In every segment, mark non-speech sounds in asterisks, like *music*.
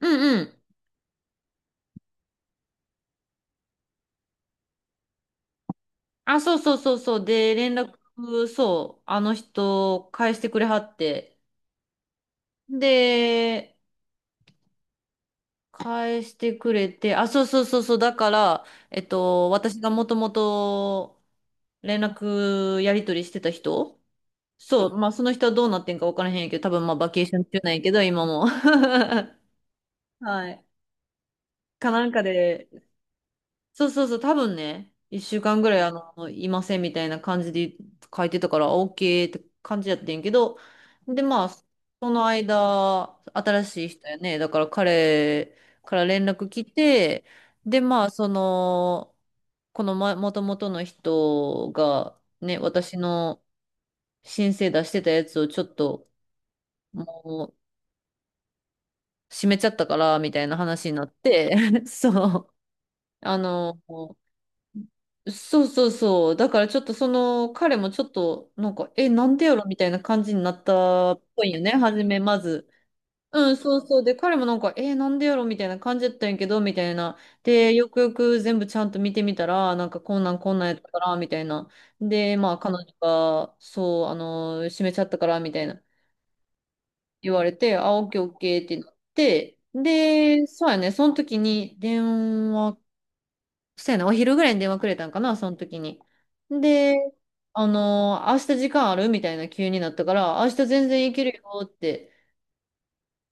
うんうん。あ、そうそうそうそう。で、連絡、そう、あの人、返してくれはって。で、返してくれて、あ、そうそうそうそう。だから、私がもともと連絡やり取りしてた人そう、まあ、その人はどうなってんか分からへんやけど、多分まあ、バケーション中なんやけど、今も。*laughs* はい。かなんかで、そうそうそう、多分ね、1週間ぐらいいませんみたいな感じで書いてたから、OK って感じやってんけど、で、まあ、その間、新しい人やね、だから彼から連絡来て、で、まあ、このま、もともとの人が、ね、私の申請出してたやつをちょっと、もう、閉めちゃったから、みたいな話になって、*laughs* そう。あの、そうそうそう。だからちょっとその彼もちょっとなんか、え、なんでやろみたいな感じになったっぽいよね、初めまず。うん、そうそう。で、彼もなんか、え、なんでやろみたいな感じだったんやけど、みたいな。で、よくよく全部ちゃんと見てみたら、なんかこんなんこんなんやったから、みたいな。で、まあ彼女が、そう、閉めちゃったから、みたいな言われて、あ、オッケーオッケーってなって、で、そうやね、その時に電話そうやな、お昼ぐらいに電話くれたんかな、その時に。で、明日時間あるみたいな急になったから、明日全然行けるよって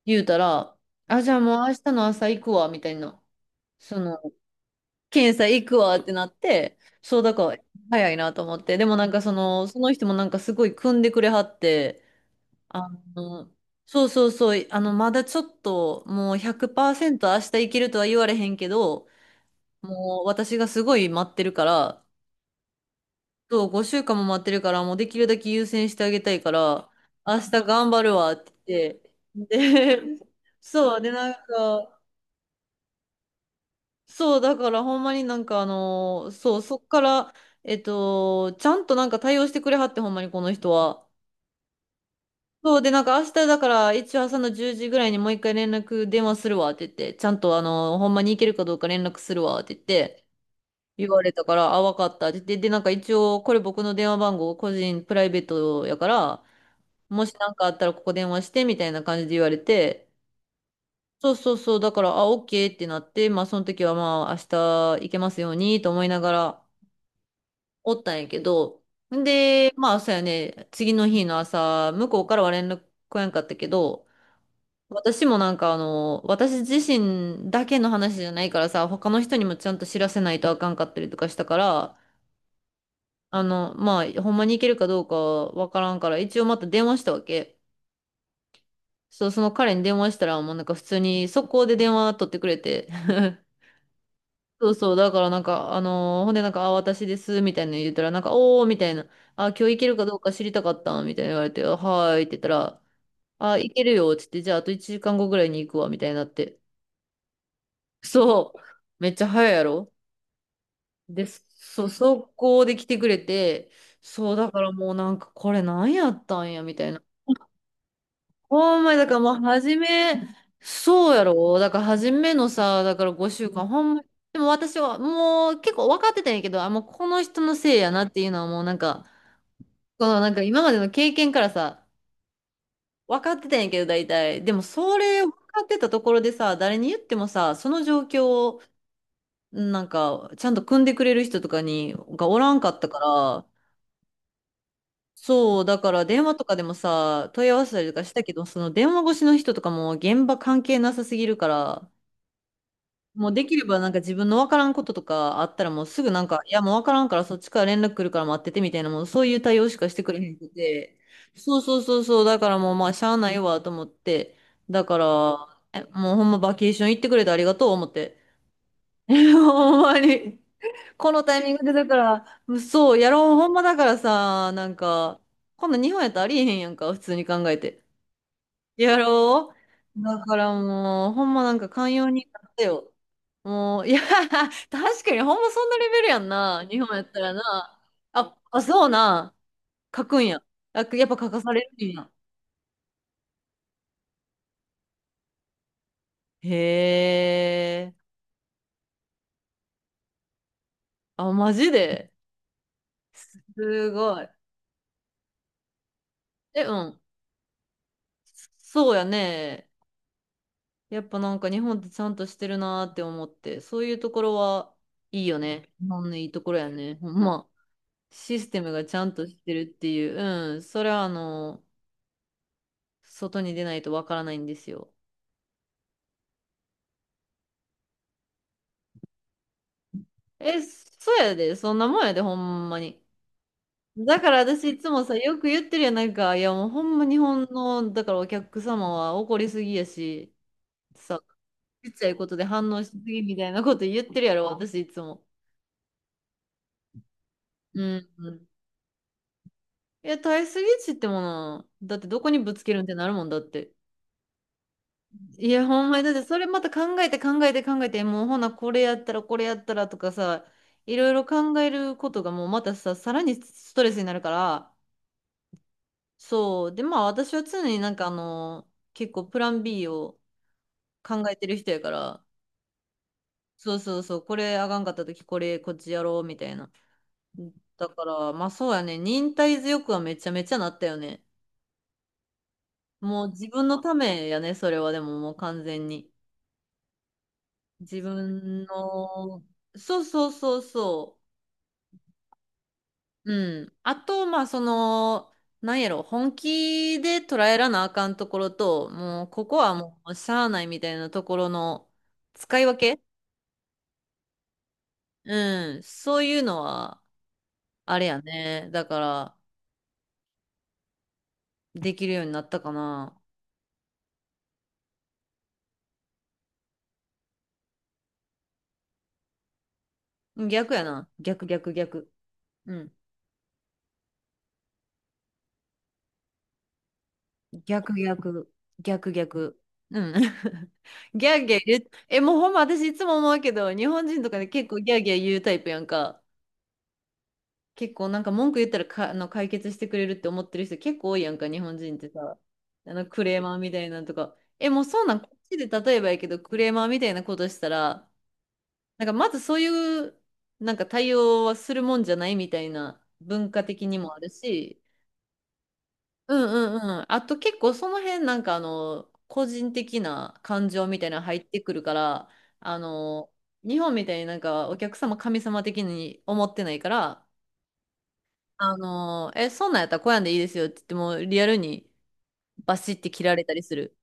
言うたら、あ、じゃあもう明日の朝行くわ、みたいな。その、検査行くわってなって、そうだから、早いなと思って。でもなんかその人もなんかすごい組んでくれはって、あの、そうそうそう、まだちょっと、もう100%明日行けるとは言われへんけど、もう私がすごい待ってるから、そう、5週間も待ってるから、もうできるだけ優先してあげたいから、明日頑張るわって言って、で、*laughs* そう、で、なんか、そう、だからほんまになんかそう、そっから、ちゃんとなんか対応してくれはって、ほんまにこの人は。そう、で、なんか明日だから、一応朝の10時ぐらいにもう一回連絡電話するわって言って、ちゃんとほんまに行けるかどうか連絡するわって言って、言われたから、あ、わかったって言って、で、なんか一応、これ僕の電話番号、個人プライベートやから、もし何かあったらここ電話してみたいな感じで言われて、そうそうそう、だから、あ、オッケーってなって、まあその時はまあ明日行けますようにと思いながらおったんやけど、で、まあそうやね、次の日の朝、向こうからは連絡来やんかったけど、私もなんか私自身だけの話じゃないからさ、他の人にもちゃんと知らせないとあかんかったりとかしたから、まあ、ほんまに行けるかどうかはわからんから、一応また電話したわけ。そう、その彼に電話したら、もうなんか普通に速攻で電話取ってくれて。*laughs* そうそう、だからなんか、ほんでなんか、あ、私です、みたいなの言ったら、なんか、おー、みたいな、あ、今日行けるかどうか知りたかった、みたいな言われて、あはーいって言ったら、あ、行けるよ、つって、じゃああと1時間後ぐらいに行くわ、みたいになって。*laughs* そう、めっちゃ早いやろで、そう、速攻で来てくれて、そう、だからもうなんか、これなんやったんや、みたいな。ほんまに、だからもう初め、そうやろ。だから初めのさ、だから5週間、ほんまに、でも私はもう結構分かってたんやけど、あ、もうこの人のせいやなっていうのはもうなんか、このなんか今までの経験からさ、分かってたんやけど大体。でもそれ分かってたところでさ、誰に言ってもさ、その状況をなんか、ちゃんと組んでくれる人とかに、がおらんかったから、そう、だから電話とかでもさ、問い合わせたりとかしたけど、その電話越しの人とかも現場関係なさすぎるから、もうできればなんか自分のわからんこととかあったらもうすぐなんか、いやもうわからんからそっちから連絡来るから待っててみたいな、もうそういう対応しかしてくれへんくて、そうそうそうそう、だからもうまあしゃあないわと思って、だから、え、もうほんまバケーション行ってくれてありがとう思って。*laughs* ほんまに。このタイミングでだから、そう、やろう、ほんまだからさ、なんか、こんなん日本やったらありえへんやんか、普通に考えて。やろうだからもう、ほんまなんか寛容になってよ。もう、いや、*laughs* 確かにほんまそんなレベルやんな。日本やったらな。あ、あ、そうな。書くんや。あ、やっぱ書かされるんや。へえ。あ、マジですごい。え、うん。そうやね。やっぱなんか日本ってちゃんとしてるなーって思って、そういうところはいいよね。日本のいいところやね。ほんま。システムがちゃんとしてるっていう、うん、それは外に出ないとわからないんですよ。え、そうやで、そんなもんやで、ほんまに。だから私いつもさ、よく言ってるやなんか、いやもうほんま日本の、だからお客様は怒りすぎやし、さ、ちっちゃいことで反応しすぎみたいなこと言ってるやろ、私いつも。うん、うん。いや、耐えすぎっちってもの、だってどこにぶつけるんってなるもんだって。いや、ほんまに、だってそれまた考えて考えて考えて、もうほな、これやったらこれやったらとかさ、いろいろ考えることがもうまたさ、さらにストレスになるから、そう。で、まあ私は常になんか結構プラン B を考えてる人やから、そうそうそう、これあがんかった時これこっちやろうみたいな。だから、まあそうやね、忍耐強くはめちゃめちゃなったよね。もう自分のためやね、それはでももう完全に。自分の、そうそうそうそう。うん。あと、まあ、なんやろ、本気で捉えらなあかんところと、もう、ここはもう、しゃあないみたいなところの使い分けうん。そういうのは、あれやね。だから、できるようになったかな。逆やな。逆、逆、逆。うん。逆、逆、逆、逆。うん。*laughs* ギャーギャー言う。え、もうほんま私いつも思うけど、日本人とかで結構ギャーギャー言うタイプやんか。結構なんか文句言ったらか、解決してくれるって思ってる人結構多いやんか、日本人ってさ。あのクレーマーみたいなんとか。え、もうそうなん、こっちで例えばやけど、クレーマーみたいなことしたら、まずそういう、なんか対応はするもんじゃないみたいな文化的にもあるし、うんうんうん。あと結構その辺個人的な感情みたいなの入ってくるから、あの、日本みたいになんかお客様神様的に思ってないから、そんなんやったらこうやんでいいですよって言っても、リアルにバシって切られたりする。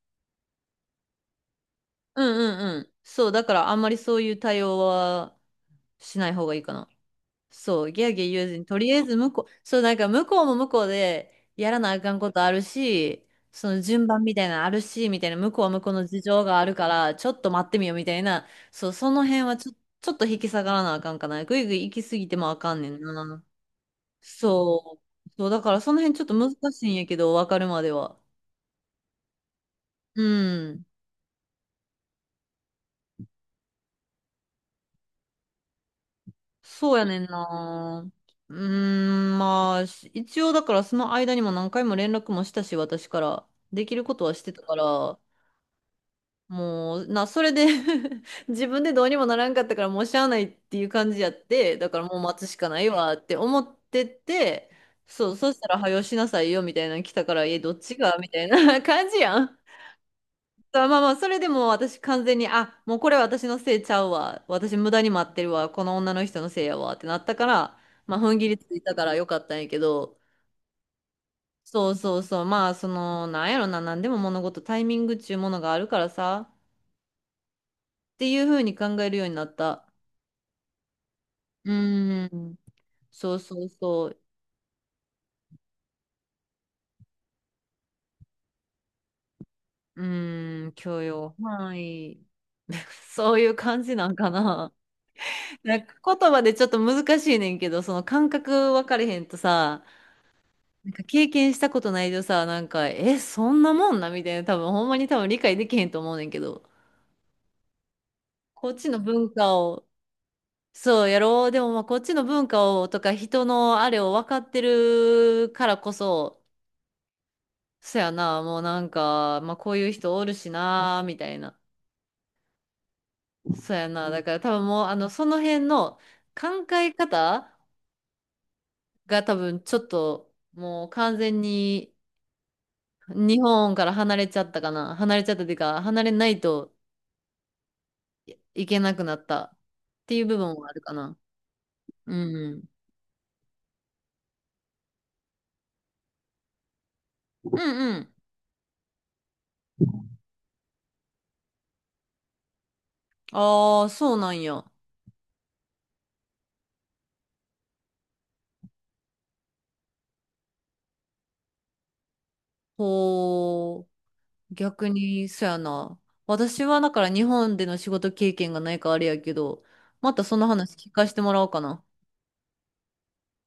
うんうんうん。そう、だからあんまりそういう対応はしない方がいいかな。そう、ギャーギャー言わずに、とりあえず向こう、そう、なんか向こうも向こうでやらなあかんことあるし、その順番みたいなのあるし、みたいな、向こうは向こうの事情があるから、ちょっと待ってみようみたいな、そう、その辺はちょ、ちょっと引き下がらなあかんかな。ぐいぐい行き過ぎてもあかんねんな。そう。そう、だからその辺ちょっと難しいんやけど、わかるまでは。うん。そうやねんな。まあ、し一応だからその間にも何回も連絡もしたし、私から。できることはしてたから、もう、な、それで *laughs* 自分でどうにもならんかったから、もうしゃあないっていう感じやって、だからもう待つしかないわって思ってて、そう、そしたら、はよしなさいよみたいなの来たから、え、どっちがみたいな *laughs* 感じやん。まあまあ、それでも私完全に、あ、もうこれ私のせいちゃうわ。私無駄に待ってるわ。この女の人のせいやわってなったから、まあ踏ん切りついたからよかったんやけど、そうそうそう、まあその、なんやろな、なんでも物事タイミングっちゅうものがあるからさ、っていうふうに考えるようになった。うーん、そうそうそう、うーん、許容範囲。*laughs* そういう感じなんかな。*laughs* なんか言葉でちょっと難しいねんけど、その感覚分かれへんとさ、なんか経験したことないとさ、そんなもんなみたいな、多分ほんまに多分理解できへんと思うねんけど、こっちの文化を、そうやろう、でもまあこっちの文化をとか人のあれを分かってるからこそ、そやな、もうなんか、まあこういう人おるしな、みたいな。そうやな、だから多分もう、あの、その辺の考え方が多分ちょっと、もう完全に日本から離れちゃったかな。離れちゃったっていうか、離れないと、いけなくなったっていう部分はあるかな。うん。うんうん。ああ、そうなんや。ほう。逆に、そやな。私はだから日本での仕事経験がないからあれやけど、またその話聞かせてもらおうかな。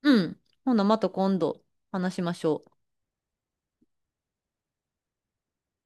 うん。ほな、また今度話しましょう。